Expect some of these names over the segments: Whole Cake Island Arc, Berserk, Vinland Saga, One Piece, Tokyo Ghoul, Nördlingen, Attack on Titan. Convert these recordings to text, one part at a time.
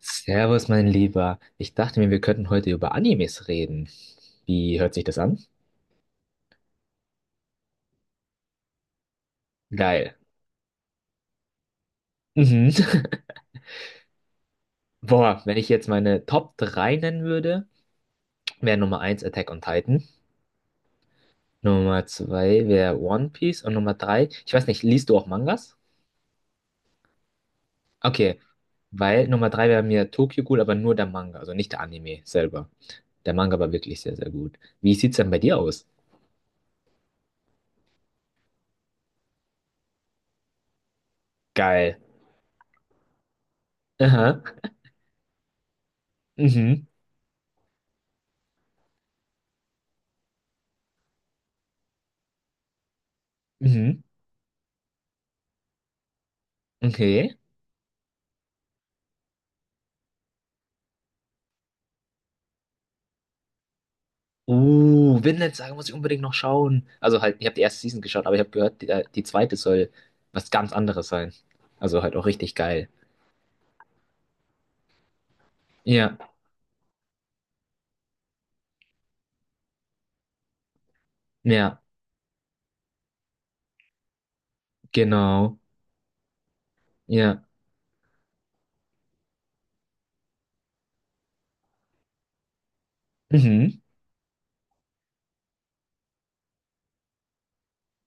Servus, mein Lieber. Ich dachte mir, wir könnten heute über Animes reden. Wie hört sich das an? Geil. Mhm. Boah, wenn ich jetzt meine Top 3 nennen würde, wäre Nummer eins Attack on Titan, Nummer 2 wäre One Piece und Nummer 3, ich weiß nicht, liest du auch Mangas? Okay, weil Nummer 3 wäre mir Tokyo Ghoul, aber nur der Manga, also nicht der Anime selber. Der Manga war wirklich sehr, sehr gut. Wie sieht's denn bei dir aus? Geil. Aha. Mhm. Mhm. Okay. Vinland Saga muss ich unbedingt noch schauen. Also halt, ich habe die erste Season geschaut, aber ich habe gehört, die zweite soll was ganz anderes sein. Also halt auch richtig geil. Ja, ja, genau. Ja, mhm.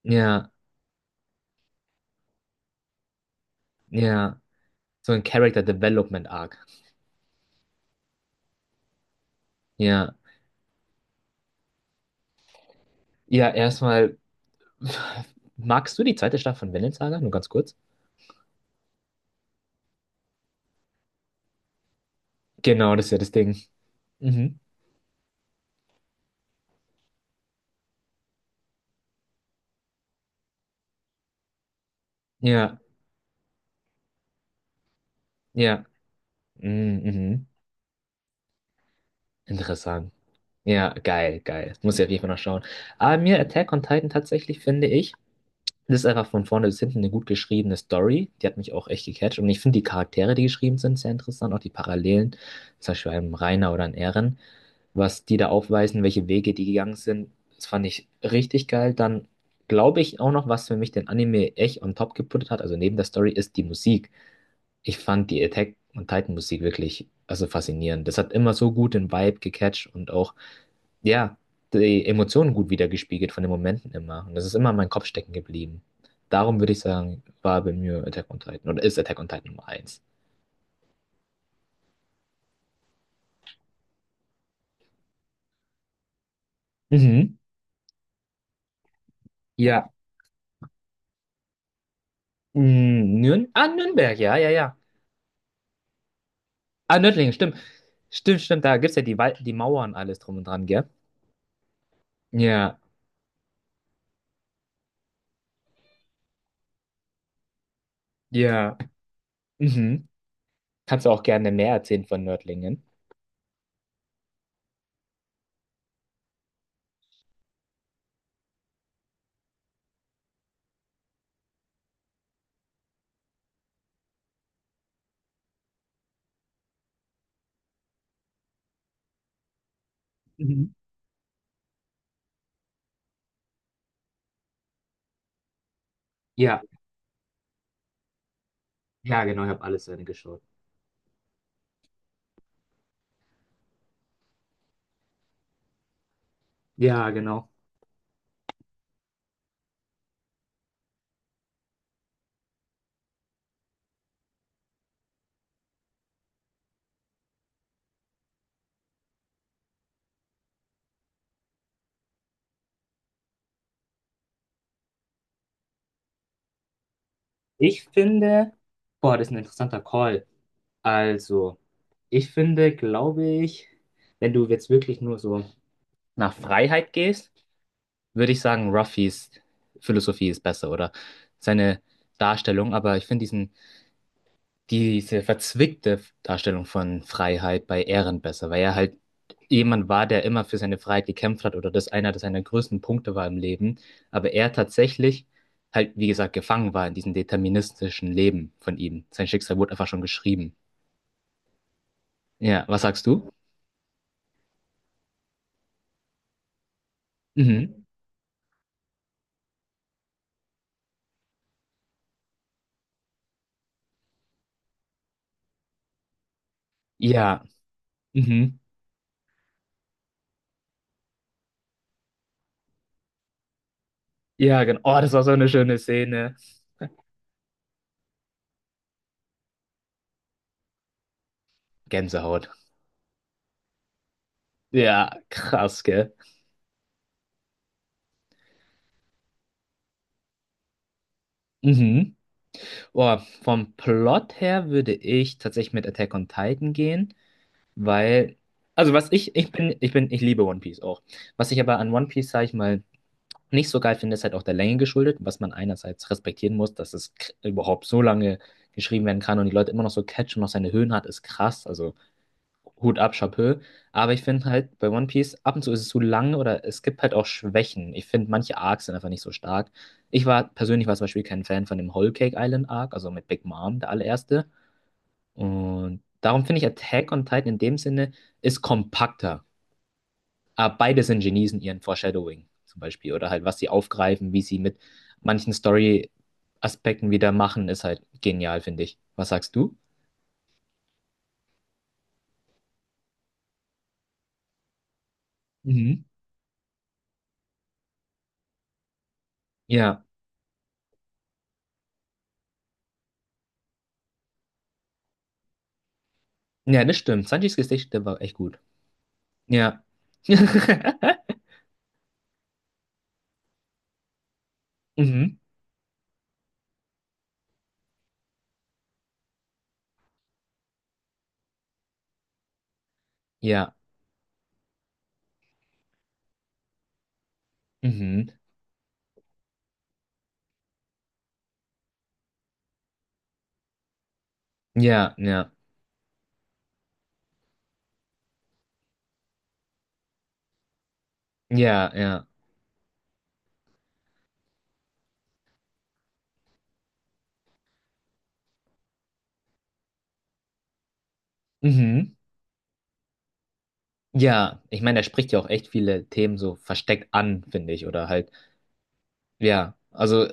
Ja, ja. So ein Character Development Arc. Ja. Ja, erstmal, magst du die zweite Staffel von Vinland Saga? Nur ganz kurz. Genau, das ist ja das Ding. Mhm. Ja, ja. Mhm, mhm. Interessant. Ja, geil, geil. Das muss ich auf jeden Fall noch schauen. Aber mir Attack on Titan tatsächlich finde ich, das ist einfach von vorne bis hinten eine gut geschriebene Story. Die hat mich auch echt gecatcht. Und ich finde die Charaktere, die geschrieben sind, sehr interessant. Auch die Parallelen, zum Beispiel einem Reiner oder einem Eren, was die da aufweisen, welche Wege die gegangen sind. Das fand ich richtig geil. Dann glaube ich auch noch, was für mich den Anime echt on top geputtet hat, also neben der Story, ist die Musik. Ich fand die Attack on Titan Musik wirklich, also faszinierend. Das hat immer so gut den Vibe gecatcht und auch ja, die Emotionen gut wiedergespiegelt von den Momenten immer. Und das ist immer in meinem Kopf stecken geblieben. Darum würde ich sagen, war bei mir Attack on Titan oder ist Attack on Titan Nummer eins. Mhm. Ja. Nürnberg, ja, ja, ja. Ah, Nördlingen, stimmt. Stimmt, stimmt, da gibt es ja die, die Mauern und alles drum und dran, gell? Ja, ja. Mhm. Kannst du auch gerne mehr erzählen von Nördlingen? Mhm. Ja, ja, genau, ich habe alles zu Ende geschaut. Ja, genau. Ich finde, boah, das ist ein interessanter Call. Also, ich finde, glaube ich, wenn du jetzt wirklich nur so nach Freiheit gehst, würde ich sagen, Ruffys Philosophie ist besser oder seine Darstellung. Aber ich finde diese verzwickte Darstellung von Freiheit bei Ehren besser, weil er halt jemand war, der immer für seine Freiheit gekämpft hat oder das einer das seiner größten Punkte war im Leben, aber er tatsächlich halt, wie gesagt, gefangen war in diesem deterministischen Leben von ihm. Sein Schicksal wurde einfach schon geschrieben. Ja, was sagst du? Mhm. Ja, mhm. Ja, genau. Oh, das war so eine schöne Szene. Gänsehaut. Ja, krass, gell? Mhm. Oh, vom Plot her würde ich tatsächlich mit Attack on Titan gehen. Weil, also was ich liebe One Piece auch. Was ich aber an One Piece, sag ich mal, nicht so geil finde, ist halt auch der Länge geschuldet, was man einerseits respektieren muss, dass es überhaupt so lange geschrieben werden kann und die Leute immer noch so catchen und noch seine Höhen hat, ist krass. Also Hut ab, Chapeau. Aber ich finde halt bei One Piece, ab und zu ist es zu lang oder es gibt halt auch Schwächen. Ich finde, manche Arcs sind einfach nicht so stark. Ich war persönlich war zum Beispiel kein Fan von dem Whole Cake Island Arc, also mit Big Mom, der allererste. Und darum finde ich Attack on Titan in dem Sinne ist kompakter. Aber beide sind Genies in ihren Foreshadowing zum Beispiel. Oder halt, was sie aufgreifen, wie sie mit manchen Story-Aspekten wieder machen, ist halt genial, finde ich. Was sagst du? Mhm. Ja, ja, das stimmt. Sanjis Gesicht, der war echt gut. Ja. Mhm. Ja. Mhm. Ja, ja. Ja, ja. Mhm. Ja, ich meine, er spricht ja auch echt viele Themen so versteckt an, finde ich. Oder halt, ja. Also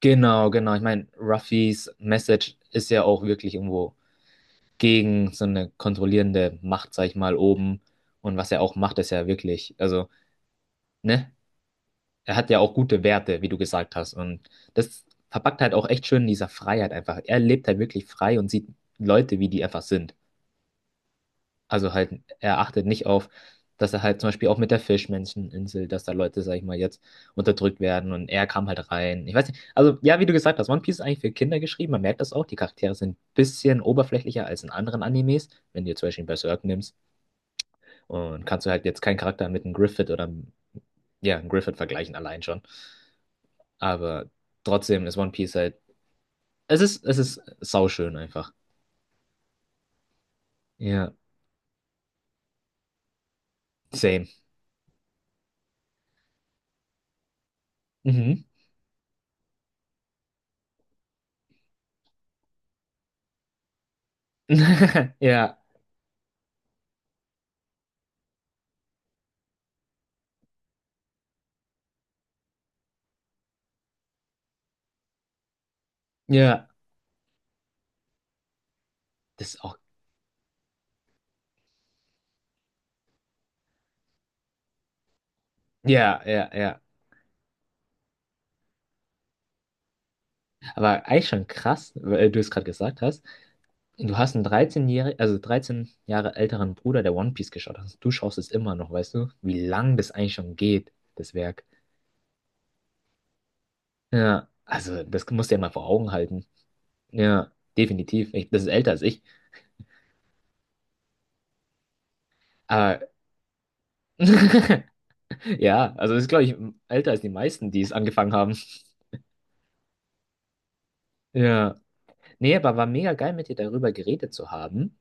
genau, genau. Ich meine, Ruffys Message ist ja auch wirklich irgendwo gegen so eine kontrollierende Macht, sag ich mal, oben. Und was er auch macht, ist ja wirklich, also, ne? Er hat ja auch gute Werte, wie du gesagt hast. Und das verpackt halt auch echt schön in dieser Freiheit einfach. Er lebt halt wirklich frei und sieht Leute, wie die einfach sind. Also halt, er achtet nicht auf, dass er halt zum Beispiel auch mit der Fischmenscheninsel, dass da Leute, sag ich mal, jetzt unterdrückt werden und er kam halt rein. Ich weiß nicht, also ja, wie du gesagt hast, One Piece ist eigentlich für Kinder geschrieben, man merkt das auch, die Charaktere sind ein bisschen oberflächlicher als in anderen Animes, wenn du jetzt zum Beispiel Berserk nimmst und kannst du halt jetzt keinen Charakter mit einem Griffith oder ja, einem Griffith vergleichen allein schon, aber trotzdem ist One Piece halt, es ist sauschön einfach. Ja, same. Mhm. Ja, ja, das ist auch, ja, ja, ja. Aber eigentlich schon krass, weil du es gerade gesagt hast. Du hast einen 13-jährigen also 13 Jahre älteren Bruder, der One Piece geschaut hat. Also Du schaust es immer noch, weißt du, wie lang das eigentlich schon geht, das Werk. Ja, also das musst du ja mal vor Augen halten. Ja, definitiv. Ich, das ist älter als ich. Aber ja, also das ist, glaube ich, älter als die meisten, die es angefangen haben. Ja. Nee, aber war mega geil, mit dir darüber geredet zu haben.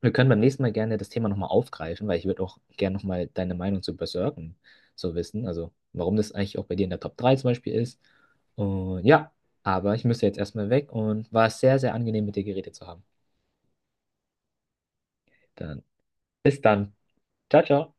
Wir können beim nächsten Mal gerne das Thema nochmal aufgreifen, weil ich würde auch gerne nochmal deine Meinung zu Berserken so wissen. Also warum das eigentlich auch bei dir in der Top 3 zum Beispiel ist. Und ja, aber ich müsste jetzt erstmal weg und war sehr, sehr angenehm mit dir geredet zu haben. Dann bis dann. Ciao, ciao.